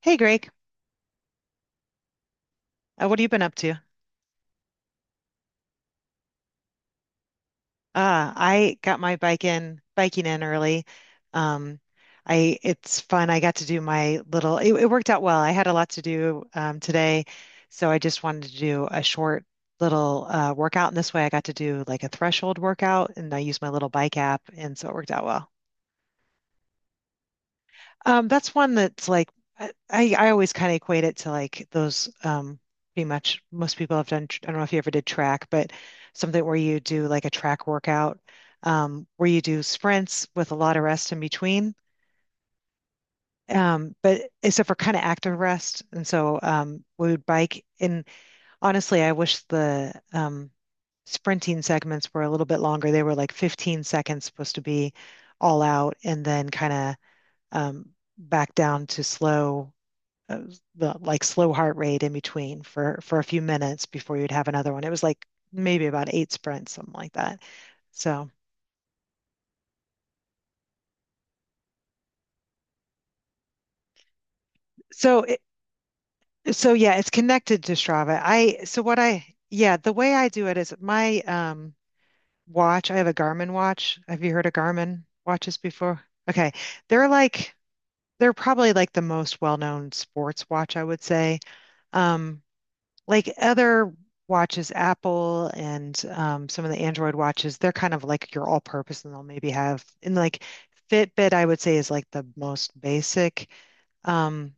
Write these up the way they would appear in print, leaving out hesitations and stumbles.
Hey Greg, what have you been up to? I got my bike in biking in early. Um, I it's fun. I got to do my little. It worked out well. I had a lot to do today, so I just wanted to do a short little workout. And this way, I got to do like a threshold workout, and I used my little bike app, and so it worked out well. That's one that's like I always kind of equate it to like those pretty much most people have done. I don't know if you ever did track, but something where you do like a track workout where you do sprints with a lot of rest in between. But except for kind of active rest. And so we would bike and honestly I wish the sprinting segments were a little bit longer. They were like 15 seconds supposed to be all out and then kind of um back down to slow uh, the like slow heart rate in between for a few minutes before you'd have another one. It was like maybe about eight sprints, something like that. So so it, yeah, it's connected to Strava. I so what I yeah, the way I do it is my watch, I have a Garmin watch. Have you heard of Garmin watches before? Okay. They're like they're probably like the most well-known sports watch, I would say. Um, like other watches, Apple and some of the Android watches, they're kind of like your all-purpose, and they'll maybe have and like Fitbit, I would say, is like the most basic. Um,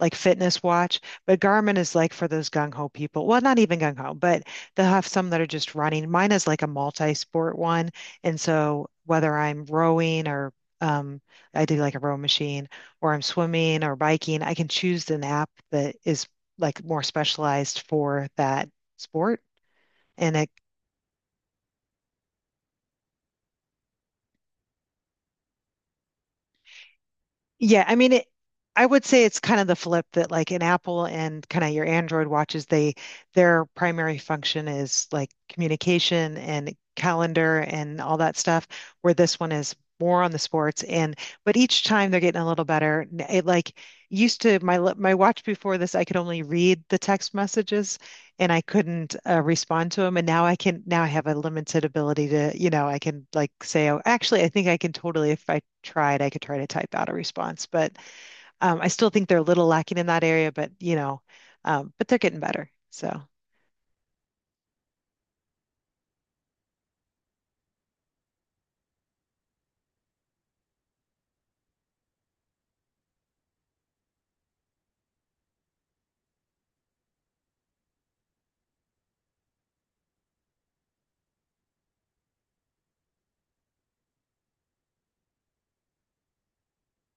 like fitness watch, but Garmin is like for those gung ho people. Well, not even gung ho, but they'll have some that are just running. Mine is like a multi-sport one, and so whether I'm rowing or um, I do like a row machine, or I'm swimming or biking, I can choose an app that is like more specialized for that sport, and it yeah, I mean it I would say it's kind of the flip that like in Apple and kind of your Android watches, they their primary function is like communication and calendar and all that stuff, where this one is more on the sports and but each time they're getting a little better. It like used to my watch before this, I could only read the text messages, and I couldn't respond to him. And now I can, now I have a limited ability to, you know, I can like say, oh, actually, I think I can totally, if I tried, I could try to type out a response. But I still think they're a little lacking in that area, but, you know, but they're getting better. So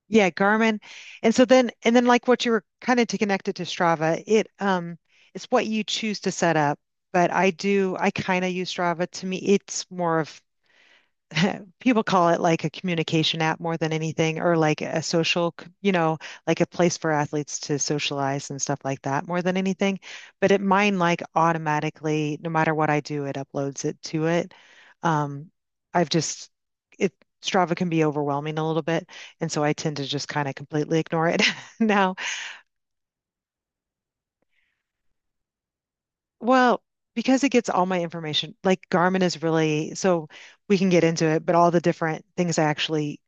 yeah, Garmin. And so then, and then like what you were kind of to connect it to Strava, it's what you choose to set up. But I do, I kind of use Strava. To me, it's more of people call it like a communication app more than anything, or like a social, you know, like a place for athletes to socialize and stuff like that more than anything. But it mine like automatically, no matter what I do, it uploads it to it. Um, I've just it Strava can be overwhelming a little bit, and so I tend to just kind of completely ignore it now. Well, because it gets all my information, like Garmin is really so we can get into it, but all the different things I actually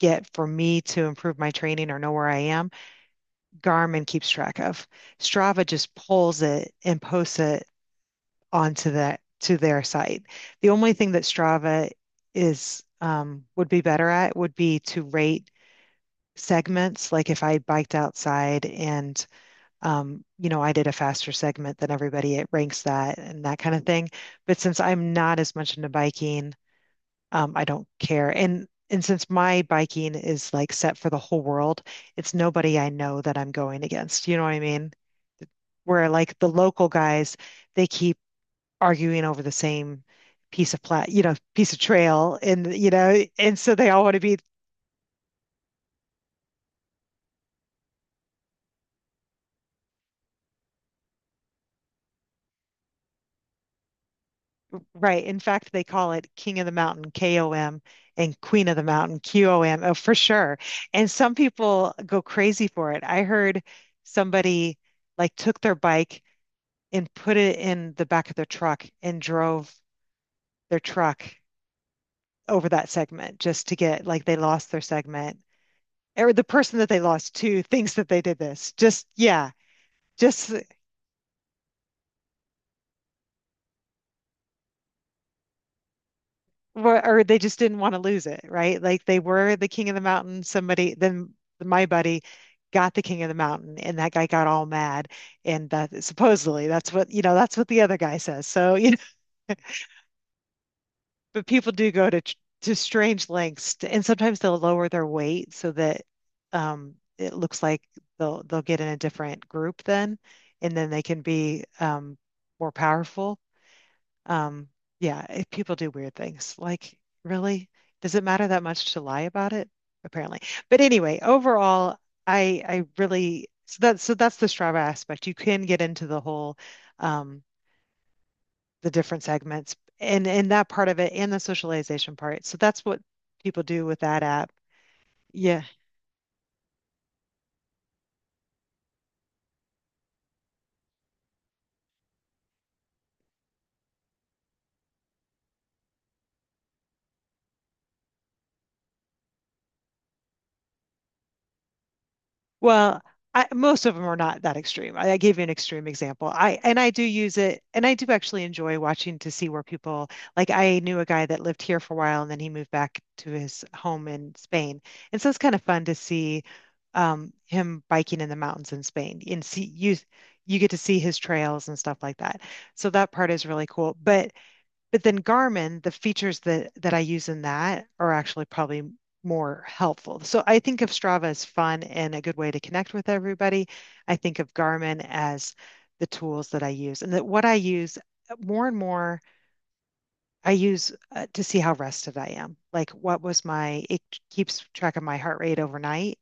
get for me to improve my training or know where I am, Garmin keeps track of. Strava just pulls it and posts it onto that to their site. The only thing that Strava is would be better at would be to rate segments. Like if I biked outside and you know I did a faster segment than everybody, it ranks that and that kind of thing. But since I'm not as much into biking I don't care. And since my biking is like set for the whole world, it's nobody I know that I'm going against. You know what I mean? Where like the local guys, they keep arguing over the same piece of plat, you know, piece of trail, and you know, and so they all want to be right. In fact, they call it King of the Mountain, KOM, and Queen of the Mountain, QOM, oh, for sure. And some people go crazy for it. I heard somebody like took their bike and put it in the back of their truck and drove their truck over that segment just to get like they lost their segment or the person that they lost to thinks that they did this just yeah just or they just didn't want to lose it, right, like they were the king of the mountain, somebody then my buddy got the king of the mountain and that guy got all mad and that supposedly that's what, you know, that's what the other guy says so you. But people do go to to strange lengths, to, and sometimes they'll lower their weight so that it looks like they'll get in a different group then, and then they can be more powerful. Um, yeah, people do weird things. Like, really, does it matter that much to lie about it? Apparently. But anyway, overall, I really so that so that's the Strava aspect. You can get into the whole. Um, the different segments and that part of it and the socialization part. So that's what people do with that app. Yeah. Well, I, most of them are not that extreme. I gave you an extreme example. I and I do use it, and I do actually enjoy watching to see where people like. I knew a guy that lived here for a while, and then he moved back to his home in Spain, and so it's kind of fun to see him biking in the mountains in Spain, and see you get to see his trails and stuff like that. So that part is really cool. But then Garmin, the features that I use in that are actually probably more helpful. So I think of Strava as fun and a good way to connect with everybody. I think of Garmin as the tools that I use and that what I use more and more I use to see how rested I am. Like what was my, it keeps track of my heart rate overnight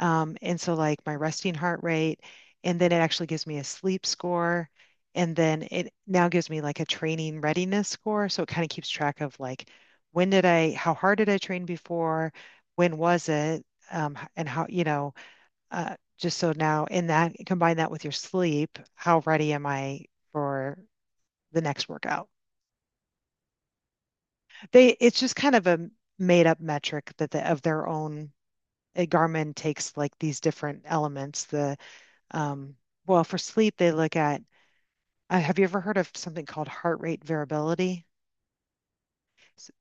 and so like my resting heart rate, and then it actually gives me a sleep score. And then it now gives me like a training readiness score. So it kind of keeps track of like when did I, how hard did I train before? When was it? And how, you know, just so now in that, combine that with your sleep, how ready am I for the next workout? They, it's just kind of a made up metric that the, of their own. Garmin takes like these different elements, the um, well, for sleep, they look at, have you ever heard of something called heart rate variability? S-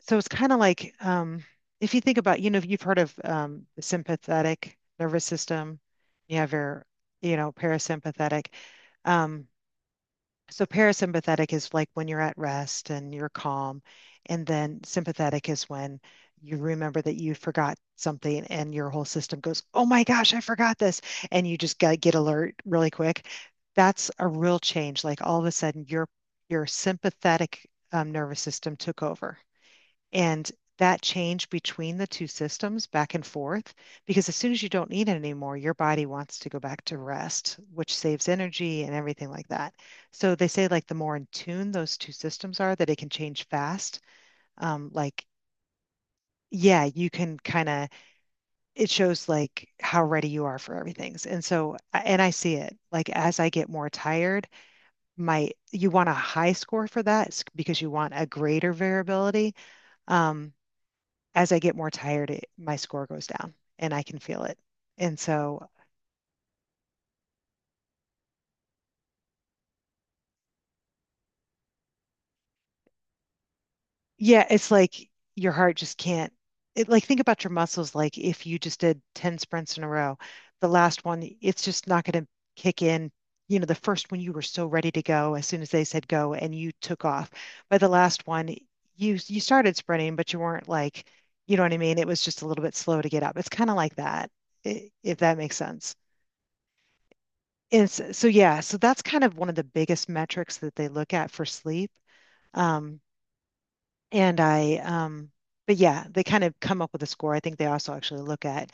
So it's kind of like if you think about, you know, if you've heard of the sympathetic nervous system, you have your, you know, parasympathetic. Um, So parasympathetic is like when you're at rest and you're calm, and then sympathetic is when you remember that you forgot something and your whole system goes, "Oh my gosh, I forgot this," and you just got get alert really quick. That's a real change. Like all of a sudden, your sympathetic nervous system took over. And that change between the two systems back and forth, because as soon as you don't need it anymore, your body wants to go back to rest, which saves energy and everything like that. So they say like the more in tune those two systems are, that it can change fast. Like yeah, you can kind of, it shows like how ready you are for everything. And so, and I see it like as I get more tired, my, you want a high score for that because you want a greater variability. Um, as I get more tired, my score goes down and I can feel it. And so, yeah, it's like your heart just can't. Like think about your muscles. Like if you just did 10 sprints in a row, the last one, it's just not going to kick in. You know, the first one you were so ready to go as soon as they said go and you took off. By the last one, you started sprinting, but you weren't like, you know what I mean? It was just a little bit slow to get up. It's kind of like that, if that makes sense. And so, so yeah, so that's kind of one of the biggest metrics that they look at for sleep. Um, and I, um, but yeah, they kind of come up with a score. I think they also actually look at,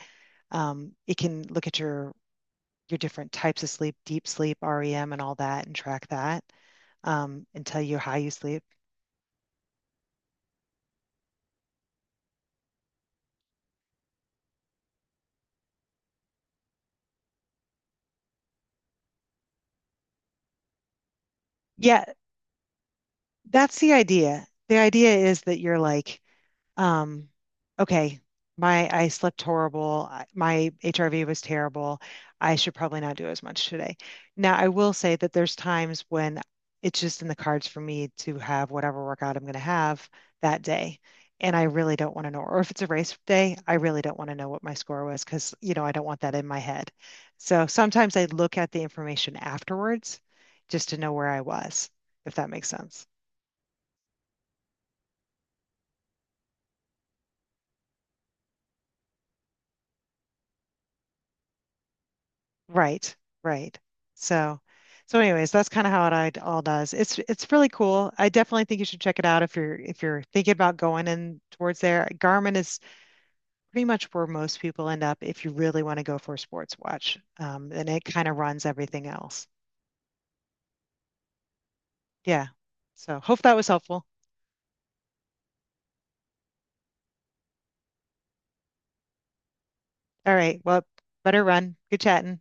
it can look at your different types of sleep, deep sleep, REM, and all that, and track that, and tell you how you sleep. Yeah, that's the idea. The idea is that you're like Um, okay, my I slept horrible. My HRV was terrible. I should probably not do as much today. Now, I will say that there's times when it's just in the cards for me to have whatever workout I'm going to have that day. And I really don't want to know, or if it's a race day, I really don't want to know what my score was because, you know, I don't want that in my head. So sometimes I look at the information afterwards just to know where I was, if that makes sense. Right, right. So, so anyways, that's kind of how it all does. It's really cool. I definitely think you should check it out if you're thinking about going in towards there. Garmin is pretty much where most people end up if you really want to go for a sports watch. And it kind of runs everything else. Yeah. So hope that was helpful. All right. Well, better run. Good chatting.